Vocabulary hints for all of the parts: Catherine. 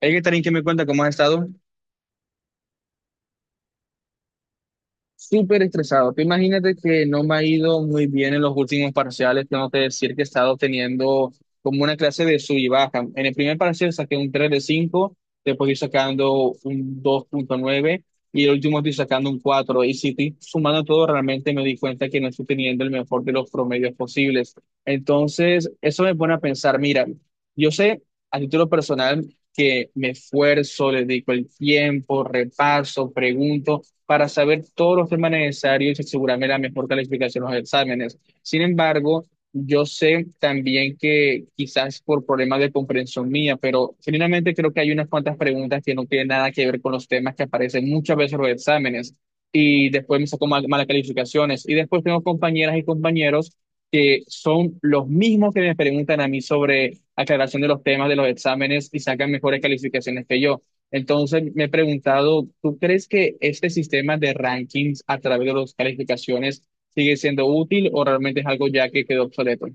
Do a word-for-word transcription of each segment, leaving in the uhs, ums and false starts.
Hey, Catherine, ¿qué me cuenta? ¿Cómo has estado? Súper estresado. Tú imagínate que no me ha ido muy bien en los últimos parciales. Tengo que decir que he estado teniendo como una clase de sub y baja. En el primer parcial saqué un tres de cinco, después estoy sacando un dos punto nueve y el último estoy sacando un cuatro. Y si estoy sumando todo, realmente me di cuenta que no estoy teniendo el mejor de los promedios posibles. Entonces, eso me pone a pensar, mira, yo sé, a título personal, que me esfuerzo, le dedico el tiempo, repaso, pregunto para saber todos los temas necesarios y asegurarme la mejor calificación en los exámenes. Sin embargo, yo sé también que quizás por problemas de comprensión mía, pero finalmente creo que hay unas cuantas preguntas que no tienen nada que ver con los temas que aparecen muchas veces en los exámenes y después me saco mal- malas calificaciones. Y después tengo compañeras y compañeros que son los mismos que me preguntan a mí sobre aclaración de los temas de los exámenes y sacan mejores calificaciones que yo. Entonces, me he preguntado, ¿tú crees que este sistema de rankings a través de las calificaciones sigue siendo útil o realmente es algo ya que quedó obsoleto?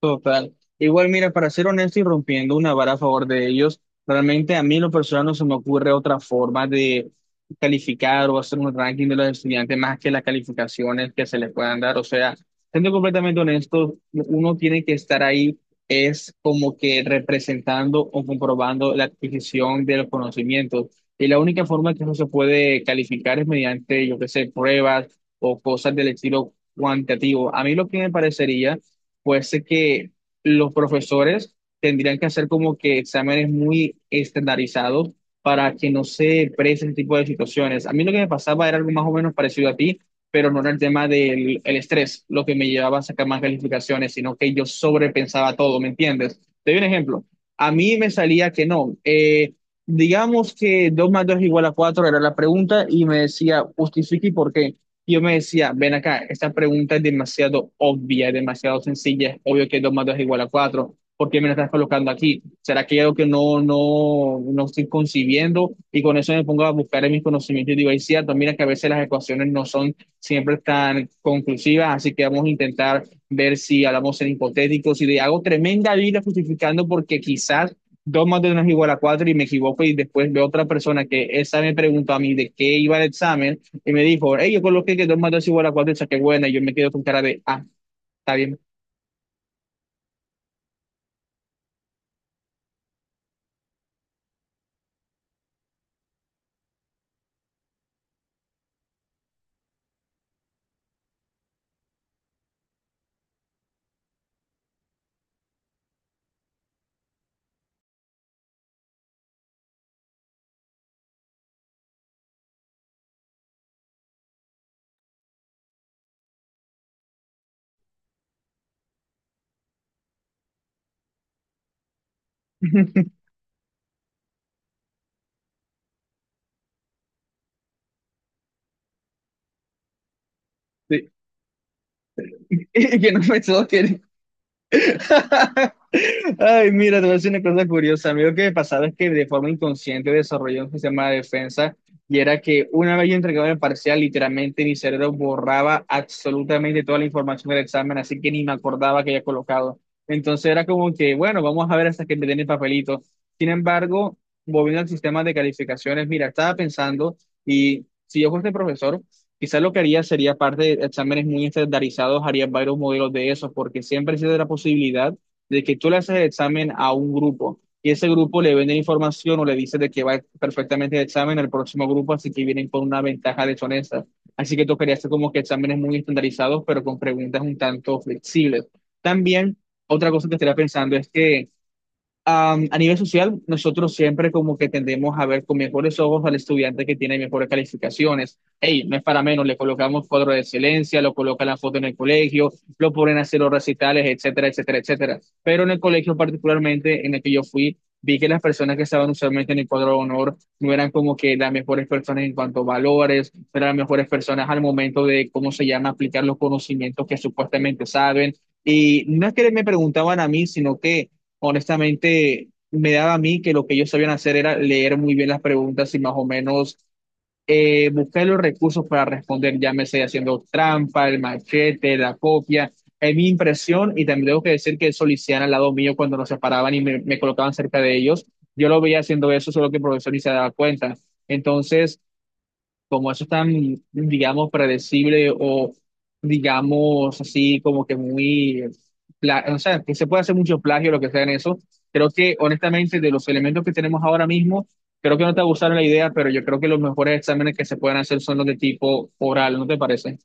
Total. Igual, mira, para ser honesto y rompiendo una vara a favor de ellos, realmente a mí en lo personal no se me ocurre otra forma de calificar o hacer un ranking de los estudiantes más que las calificaciones que se les puedan dar. O sea, siendo completamente honesto, uno tiene que estar ahí, es como que representando o comprobando la adquisición de los conocimientos. Y la única forma que no se puede calificar es mediante, yo qué sé, pruebas o cosas del estilo cuantitativo. A mí lo que me parecería fuese que los profesores tendrían que hacer como que exámenes muy estandarizados para que no se presen ese tipo de situaciones. A mí lo que me pasaba era algo más o menos parecido a ti, pero no era el tema del el estrés lo que me llevaba a sacar más calificaciones, sino que yo sobrepensaba todo, ¿me entiendes? Te doy un ejemplo. A mí me salía que no. Eh, digamos que dos más dos es igual a cuatro era la pregunta y me decía, justifique y por qué. Y Yo me decía, ven acá, esta pregunta es demasiado obvia, es demasiado sencilla, es obvio que dos más dos es igual a cuatro. ¿Por qué me la estás colocando aquí? ¿Será que hay algo que no, no, no estoy concibiendo? Y con eso me pongo a buscar en mis conocimientos y digo, es cierto, mira que a veces las ecuaciones no son siempre tan conclusivas, así que vamos a intentar ver si hablamos en hipotéticos y le hago tremenda vida justificando porque quizás dos más dos no es igual a cuatro y me equivoco, y después veo otra persona que esa me preguntó a mí de qué iba el examen y me dijo, hey, yo coloqué que dos más dos igual a cuatro y saqué buena. Y yo me quedo con cara de, ah, está bien. Sí. Y que no me sostiene. Ay, mira, te voy a decir una cosa curiosa. A mí lo que me pasaba es que de forma inconsciente desarrollé un sistema de defensa y era que una vez yo entregaba el parcial, literalmente mi cerebro borraba absolutamente toda la información del examen, así que ni me acordaba que había colocado. Entonces era como que, bueno, vamos a ver hasta que me den el papelito. Sin embargo, volviendo al sistema de calificaciones, mira, estaba pensando, y si yo fuese profesor, Quizás lo que haría sería parte de exámenes muy estandarizados, haría varios modelos de esos, porque siempre existe la posibilidad de que tú le haces el examen a un grupo y ese grupo le vende información o le dice de que va perfectamente el examen al próximo grupo, así que vienen con una ventaja deshonesta. Así que tocaría hacer como que exámenes muy estandarizados, pero con preguntas un tanto flexibles. También, otra cosa que estaría pensando es que Am, a nivel social, nosotros siempre como que tendemos a ver con mejores ojos al estudiante que tiene mejores calificaciones. Hey, no es para menos, le colocamos cuadro de excelencia, lo colocan la foto en el colegio, lo ponen a hacer los recitales, etcétera, etcétera, etcétera. Pero en el colegio particularmente en el que yo fui, vi que las personas que estaban usualmente en el cuadro de honor no eran como que las mejores personas en cuanto a valores, no eran las mejores personas al momento de, ¿cómo se llama?, aplicar los conocimientos que supuestamente saben. Y no es que me preguntaban a mí, sino que honestamente me daba a mí que lo que ellos sabían hacer era leer muy bien las preguntas y más o menos eh, buscar los recursos para responder, llámese haciendo trampa, el machete, la copia. Es mi impresión, y también tengo que decir que Soliciana al lado mío cuando nos separaban y me, me colocaban cerca de ellos, yo lo veía haciendo eso, solo que el profesor ni se daba cuenta. Entonces, como eso es tan, digamos, predecible o, digamos, así como que muy, pla- o sea, que se puede hacer mucho plagio, lo que sea en eso, creo que honestamente de los elementos que tenemos ahora mismo, creo que no te gustaron la idea, pero yo creo que los mejores exámenes que se pueden hacer son los de tipo oral, ¿no te parece?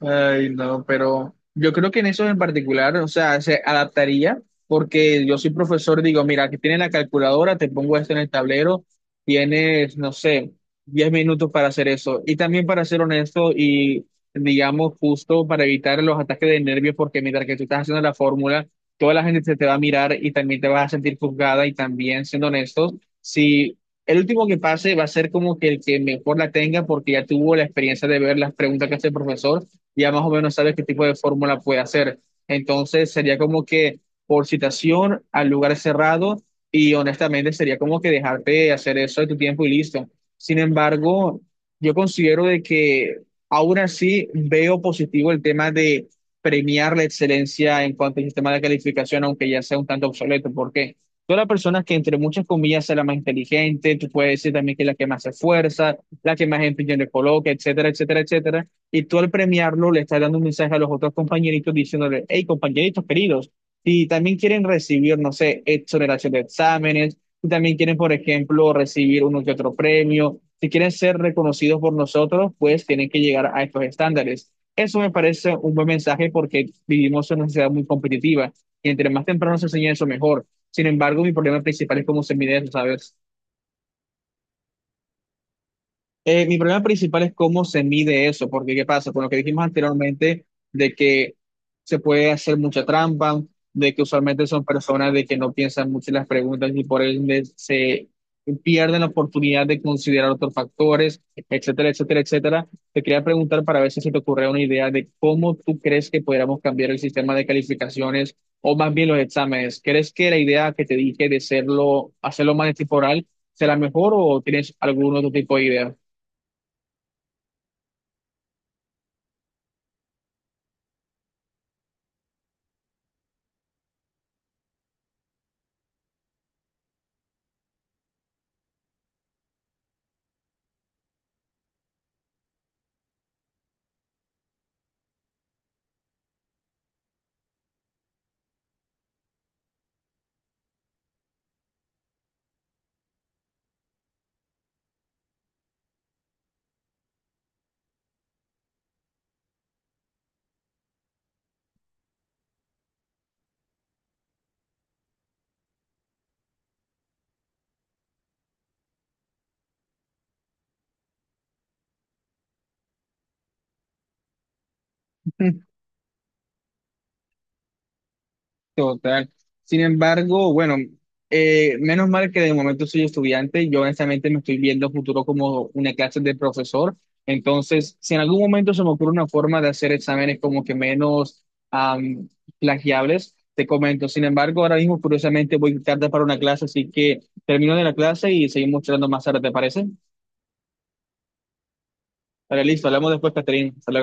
Ay, no, pero yo creo que en eso en particular, o sea, se adaptaría, porque yo soy profesor, digo, mira, aquí tienes la calculadora, te pongo esto en el tablero, tienes, no sé, diez minutos para hacer eso. Y también para ser honesto y, digamos, justo para evitar los ataques de nervios, porque mientras que tú estás haciendo la fórmula, toda la gente se te va a mirar y también te vas a sentir juzgada y también, siendo honestos, si. El último que pase va a ser como que el que mejor la tenga porque ya tuvo la experiencia de ver las preguntas que hace el profesor, ya más o menos sabes qué tipo de fórmula puede hacer. Entonces sería como que por citación al lugar cerrado, y honestamente sería como que dejarte hacer eso de tu tiempo y listo. Sin embargo, yo considero de que aún así veo positivo el tema de premiar la excelencia en cuanto al sistema de calificación, aunque ya sea un tanto obsoleto. ¿Por qué? Toda la persona que entre muchas comillas es la más inteligente, tú puedes decir también que es la que más se esfuerza, la que más empeño le coloca, etcétera, etcétera, etcétera, y tú al premiarlo le estás dando un mensaje a los otros compañeritos diciéndole, hey, compañeritos queridos, si también quieren recibir, no sé, exoneración de exámenes, si también quieren, por ejemplo, recibir uno que otro premio, si quieren ser reconocidos por nosotros, pues tienen que llegar a estos estándares. Eso me parece un buen mensaje porque vivimos en una sociedad muy competitiva y entre más temprano se enseña eso, mejor. Sin embargo, mi problema principal es cómo se mide eso, ¿sabes? Eh, mi problema principal es cómo se mide eso, porque ¿qué pasa? Con lo que dijimos anteriormente, de que se puede hacer mucha trampa, de que usualmente son personas de que no piensan mucho en las preguntas y por ende se pierden la oportunidad de considerar otros factores, etcétera, etcétera, etcétera. Te quería preguntar para ver si se te ocurre una idea de cómo tú crees que podríamos cambiar el sistema de calificaciones o más bien los exámenes. ¿Crees que la idea que te dije de hacerlo, hacerlo más temporal será mejor o tienes algún otro tipo de idea? Total. Sin embargo, bueno, eh, menos mal que de momento soy estudiante. Yo honestamente me estoy viendo futuro como una clase de profesor. Entonces, si en algún momento se me ocurre una forma de hacer exámenes como que menos am, plagiables, te comento. Sin embargo, ahora mismo curiosamente voy tarde para una clase, así que termino de la clase y seguimos charlando más tarde, ¿te parece? Vale, listo. Hablamos después, Catherine. Hasta luego.